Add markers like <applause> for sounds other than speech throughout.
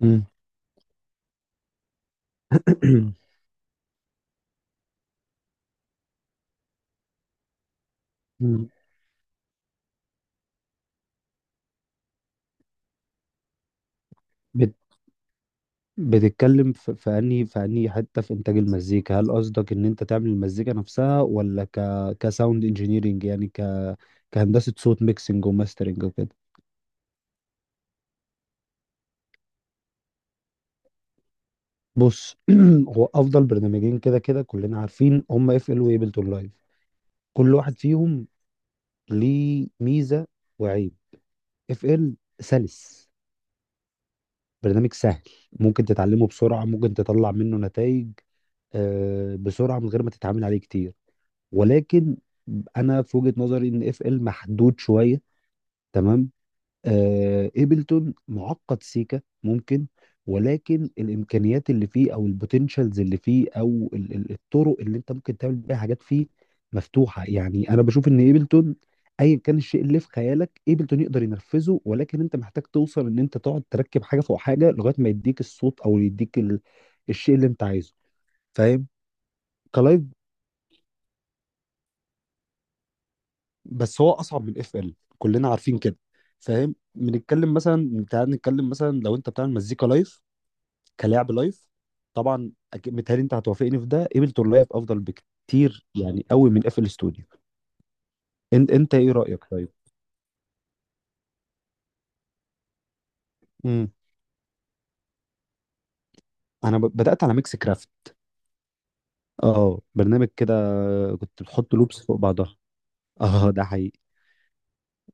مم. <clears throat> مم. بت- بتتكلم في انهي حته في انتاج المزيكا، هل قصدك ان انت تعمل المزيكا نفسها ولا كساوند انجينيرنج، يعني كهندسه صوت، ميكسنج وماسترنج وكده؟ بص، <clears throat> هو افضل برنامجين كده كده كلنا عارفين هم اف ال وابلتون لايف. كل واحد فيهم ليه ميزه وعيب. اف ال سلس، برنامج سهل، ممكن تتعلمه بسرعه، ممكن تطلع منه نتائج، بسرعه، من غير ما تتعامل عليه كتير. ولكن انا في وجهة نظري ان اف ال محدود شويه، تمام. ايبلتون معقد سيكا ممكن، ولكن الامكانيات اللي فيه او البوتنشالز اللي فيه او الطرق اللي انت ممكن تعمل بيها حاجات فيه مفتوحه. يعني انا بشوف ان ايبلتون ايا كان الشيء اللي في خيالك ايبلتون يقدر ينفذه، ولكن انت محتاج توصل ان انت تقعد تركب حاجه فوق حاجه لغايه ما يديك الصوت او يديك الشيء اللي انت عايزه، فاهم؟ كلايف، بس هو اصعب من اف ال كلنا عارفين كده، فاهم. بنتكلم مثلا، تعال نتكلم مثلا لو انت بتعمل مزيكا لايف كلاعب لايف، طبعا متهيألي انت هتوافقني في ده، ايبلتون لايف افضل بكتير يعني قوي من اف ال ستوديو. انت انت ايه رايك طيب؟ امم انا بدات على ميكس كرافت، اه برنامج كده، كنت بتحط لوبس فوق بعضها. <laughs> اه ده حقيقي.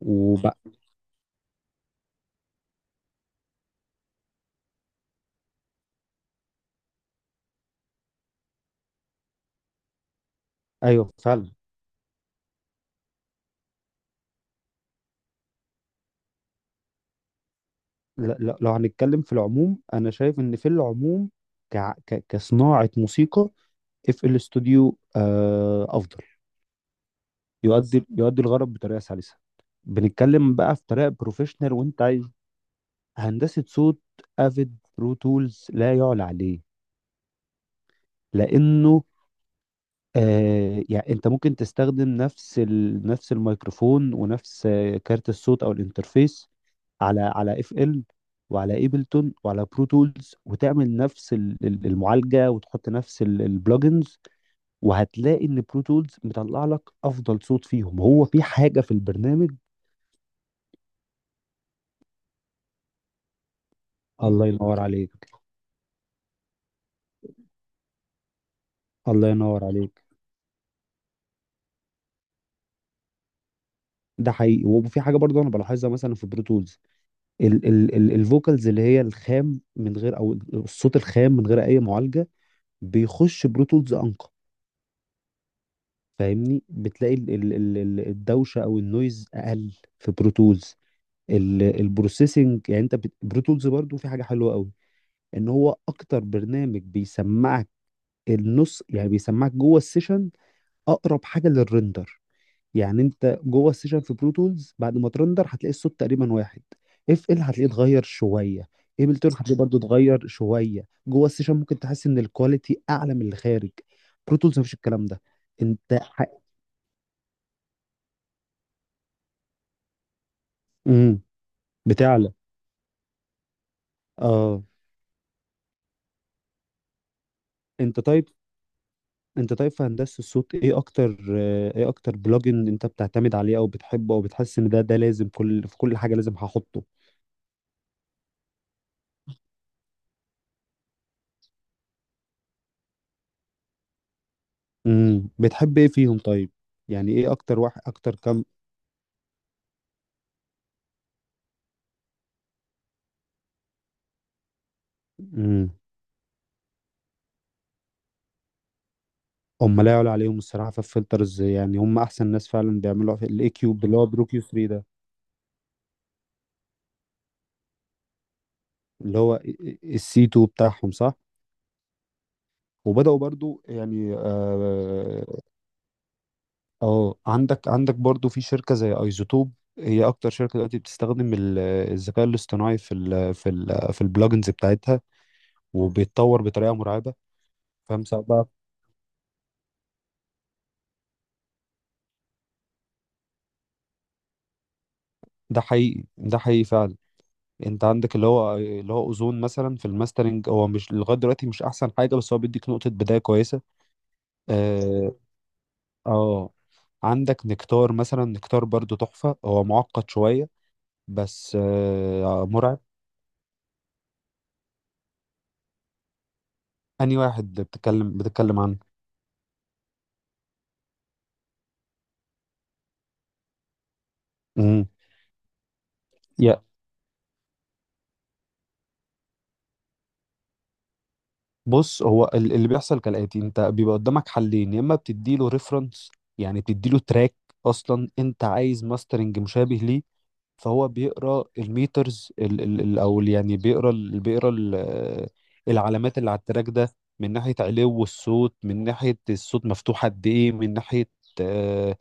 وبقى، ايوه فعلا. لا لا، لو هنتكلم في العموم انا شايف ان في العموم ك... كصناعه موسيقى اف ال استوديو افضل. يؤدي يؤدي الغرض بطريقه سلسه. بنتكلم بقى في طريقه بروفيشنال وانت عايز هندسه صوت، افيد برو تولز لا يعلى عليه، لانه يعني انت ممكن تستخدم نفس نفس الميكروفون ونفس كارت الصوت او الانترفيس على على اف ال وعلى ايبلتون وعلى برو تولز، وتعمل نفس المعالجه وتحط نفس البلجنز، وهتلاقي ان برو تولز مطلع لك افضل صوت فيهم. هو في حاجه في البرنامج. الله ينور عليك. الله ينور عليك. ده حقيقي، وفي حاجه برضه انا بلاحظها مثلا في برو تولز: ال ال ال الفوكالز اللي هي الخام من غير، او الصوت الخام من غير اي معالجه، بيخش برو تولز انقى. فاهمني، بتلاقي الدوشه او النويز اقل في برو تولز. البروسيسنج يعني انت برو تولز برضه في حاجه حلوه قوي، ان هو اكتر برنامج بيسمعك النص، يعني بيسمعك جوه السيشن اقرب حاجه للرندر. يعني انت جوه السيشن في برو تولز بعد ما ترندر هتلاقي الصوت تقريبا واحد. اف ال هتلاقيه اتغير شويه، ابلتون هتلاقيه برضو اتغير شويه جوه السيشن، ممكن تحس ان الكواليتي اعلى من اللي خارج. برو تولز مفيش الكلام ده. انت ح... مم. بتعلى، اه. انت طيب، انت طيب في هندسه الصوت ايه اكتر، ايه اكتر بلوجن انت بتعتمد عليه او بتحبه او بتحس ان ده لازم كل، في كل حاجه لازم هحطه؟ بتحب ايه فيهم طيب؟ يعني ايه اكتر واحد، اكتر كم؟ امم، هم لا يعلى عليهم الصراحه في الفلترز، يعني هم احسن ناس فعلا بيعملوا في الاي كيوب اللي هو بروكيو 3 ده. اللي هو السي 2 بتاعهم صح، وبداوا برضو، يعني اه. عندك عندك برضو في شركه زي ايزوتوب، هي اكتر شركه دلوقتي بتستخدم الذكاء الاصطناعي في ال في ال في البلجنز بتاعتها، وبيتطور بطريقه مرعبه. فاهم، سواء بقى. ده حقيقي، ده حقيقي فعلا. انت عندك اللي هو، اللي هو اوزون مثلا في الماسترنج هو مش لغايه دلوقتي مش احسن حاجه، بس هو بيديك نقطه بدايه كويسه. اه, آه. عندك نكتار مثلا، نكتار برضو تحفه، هو معقد شويه بس مرعب. اني واحد بتتكلم عنه. امم. يا بص، هو اللي بيحصل كالاتي: انت بيبقى قدامك حلين، يا اما بتديله ريفرنس، يعني بتديله تراك اصلا انت عايز ماسترنج مشابه ليه، فهو بيقرا الميترز يعني بيقرا ال العلامات اللي على التراك ده، من ناحيه علو الصوت، من ناحيه الصوت مفتوح قد ايه، من ناحيه آه،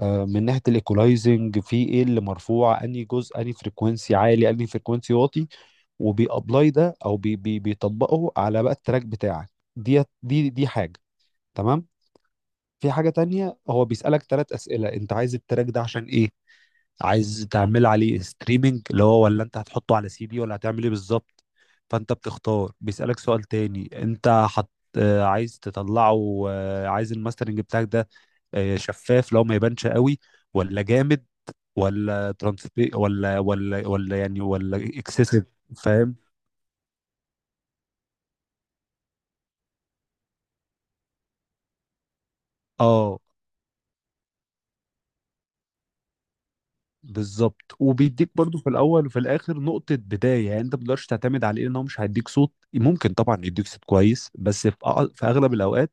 من ناحيه الايكولايزنج في ايه اللي مرفوع، انهي جزء، انهي فريكونسي عالي، انهي فريكونسي واطي، وبيابلاي ده، او بي بي بيطبقه على بقى التراك بتاعك. دي حاجه، تمام. في حاجه تانية، هو بيسالك ثلاث اسئله: انت عايز التراك ده عشان ايه؟ عايز تعمل عليه ستريمنج اللي هو، ولا انت هتحطه على سي دي، ولا هتعمل ايه بالظبط؟ فانت بتختار. بيسألك سؤال تاني: انت حط، عايز تطلعه، عايز الماسترنج بتاعك ده شفاف، لو ما يبانش قوي، ولا جامد، ولا ترانسبي، ولا ولا ولا يعني ولا اكسسيف. فاهم، اه بالظبط. وبيديك برضو في الاول وفي الاخر نقطه بدايه، يعني انت ما تقدرش تعتمد عليه، ان هو مش هيديك صوت، ممكن طبعا يديك صوت كويس بس في في اغلب الاوقات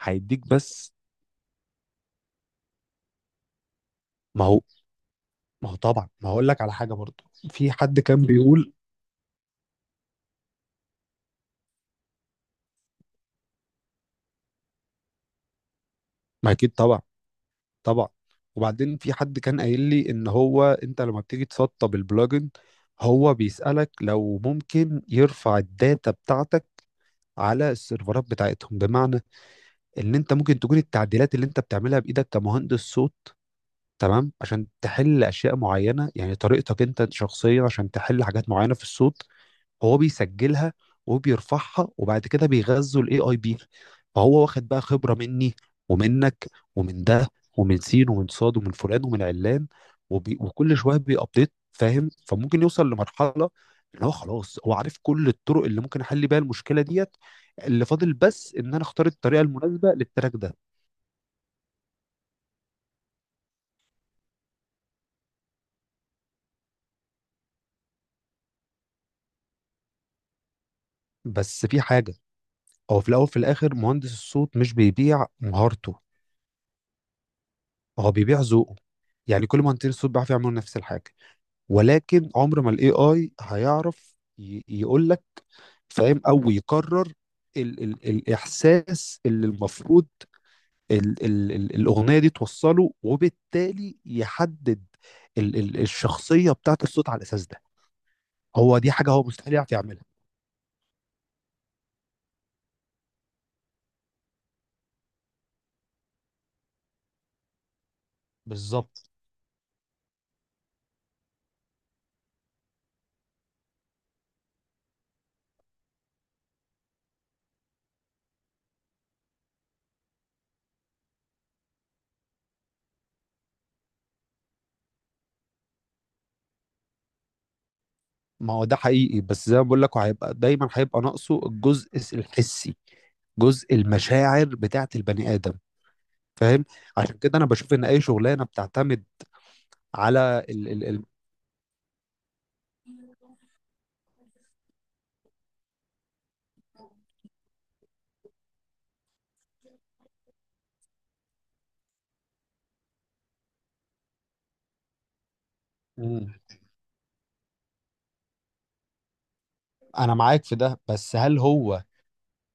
هيديك، بس ما هو ما هو طبعا. ما هقول لك على حاجه برضه، في حد كان بيقول، ما اكيد طبعا، طبعا. وبعدين في حد كان قايل لي ان هو انت لما بتيجي تسطب البلجن هو بيسالك لو ممكن يرفع الداتا بتاعتك على السيرفرات بتاعتهم، بمعنى ان انت ممكن تكون التعديلات اللي انت بتعملها بايدك كمهندس صوت، تمام، عشان تحل اشياء معينه، يعني طريقتك انت شخصيا عشان تحل حاجات معينه في الصوت، هو بيسجلها وبيرفعها وبعد كده بيغذوا الاي اي بي. فهو واخد بقى خبرة مني ومنك ومن ده ومن سين ومن صاد ومن فلان ومن علان، وكل شوية بيأبديت، فاهم؟ فممكن يوصل لمرحلة ان هو خلاص هو عارف كل الطرق اللي ممكن احل بيها المشكلة ديت، اللي فاضل بس ان انا اختار الطريقة المناسبة للتراك ده. بس في حاجة، هو في الاول في الاخر مهندس الصوت مش بيبيع مهارته، هو بيبيع ذوقه. يعني كل مهندسين الصوت بيعرفوا يعملوا نفس الحاجة، ولكن عمر ما الاي اي هيعرف يقول لك، فاهم، او يقرر ال ال الاحساس اللي المفروض ال ال ال الاغنيه دي توصله، وبالتالي يحدد ال ال الشخصيه بتاعت الصوت على الاساس ده. هو دي حاجه هو مستحيل يعرف يعملها. بالظبط، ما هو ده حقيقي، بس زي ما بقول لك هيبقى دايما هيبقى ناقصه الجزء الحسي، جزء المشاعر بتاعت البني ادم، فاهم. عشان كده انا بشوف ان اي شغلانه بتعتمد على ال ال ال انا معاك في ده، بس هل هو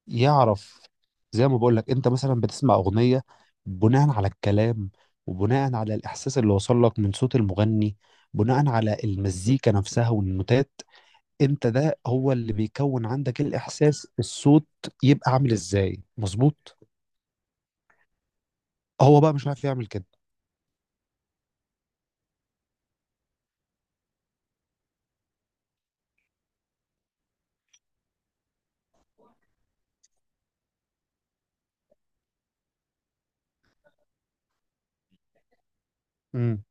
يعرف؟ زي ما بقول لك، انت مثلا بتسمع اغنيه بناء على الكلام، وبناء على الاحساس اللي وصل لك من صوت المغني، بناء على المزيكا نفسها والنوتات، انت ده هو اللي بيكون عندك الاحساس الصوت يبقى عامل ازاي مظبوط. هو بقى مش عارف يعمل كده. امم،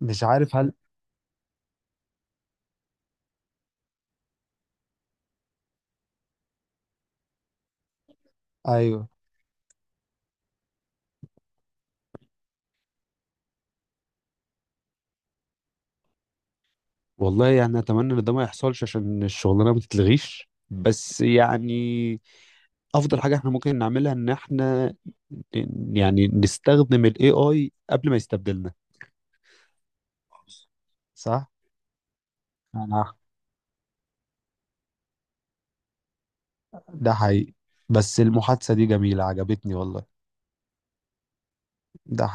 مش عارف هل، ايوه. والله يعني اتمنى ان ده ما يحصلش عشان الشغلانه ما تتلغيش، بس يعني افضل حاجه احنا ممكن نعملها ان احنا يعني نستخدم الاي اي قبل ما يستبدلنا. صح، انا، ده حقيقي. بس المحادثة دي جميلة، عجبتني والله. ده حقيقي.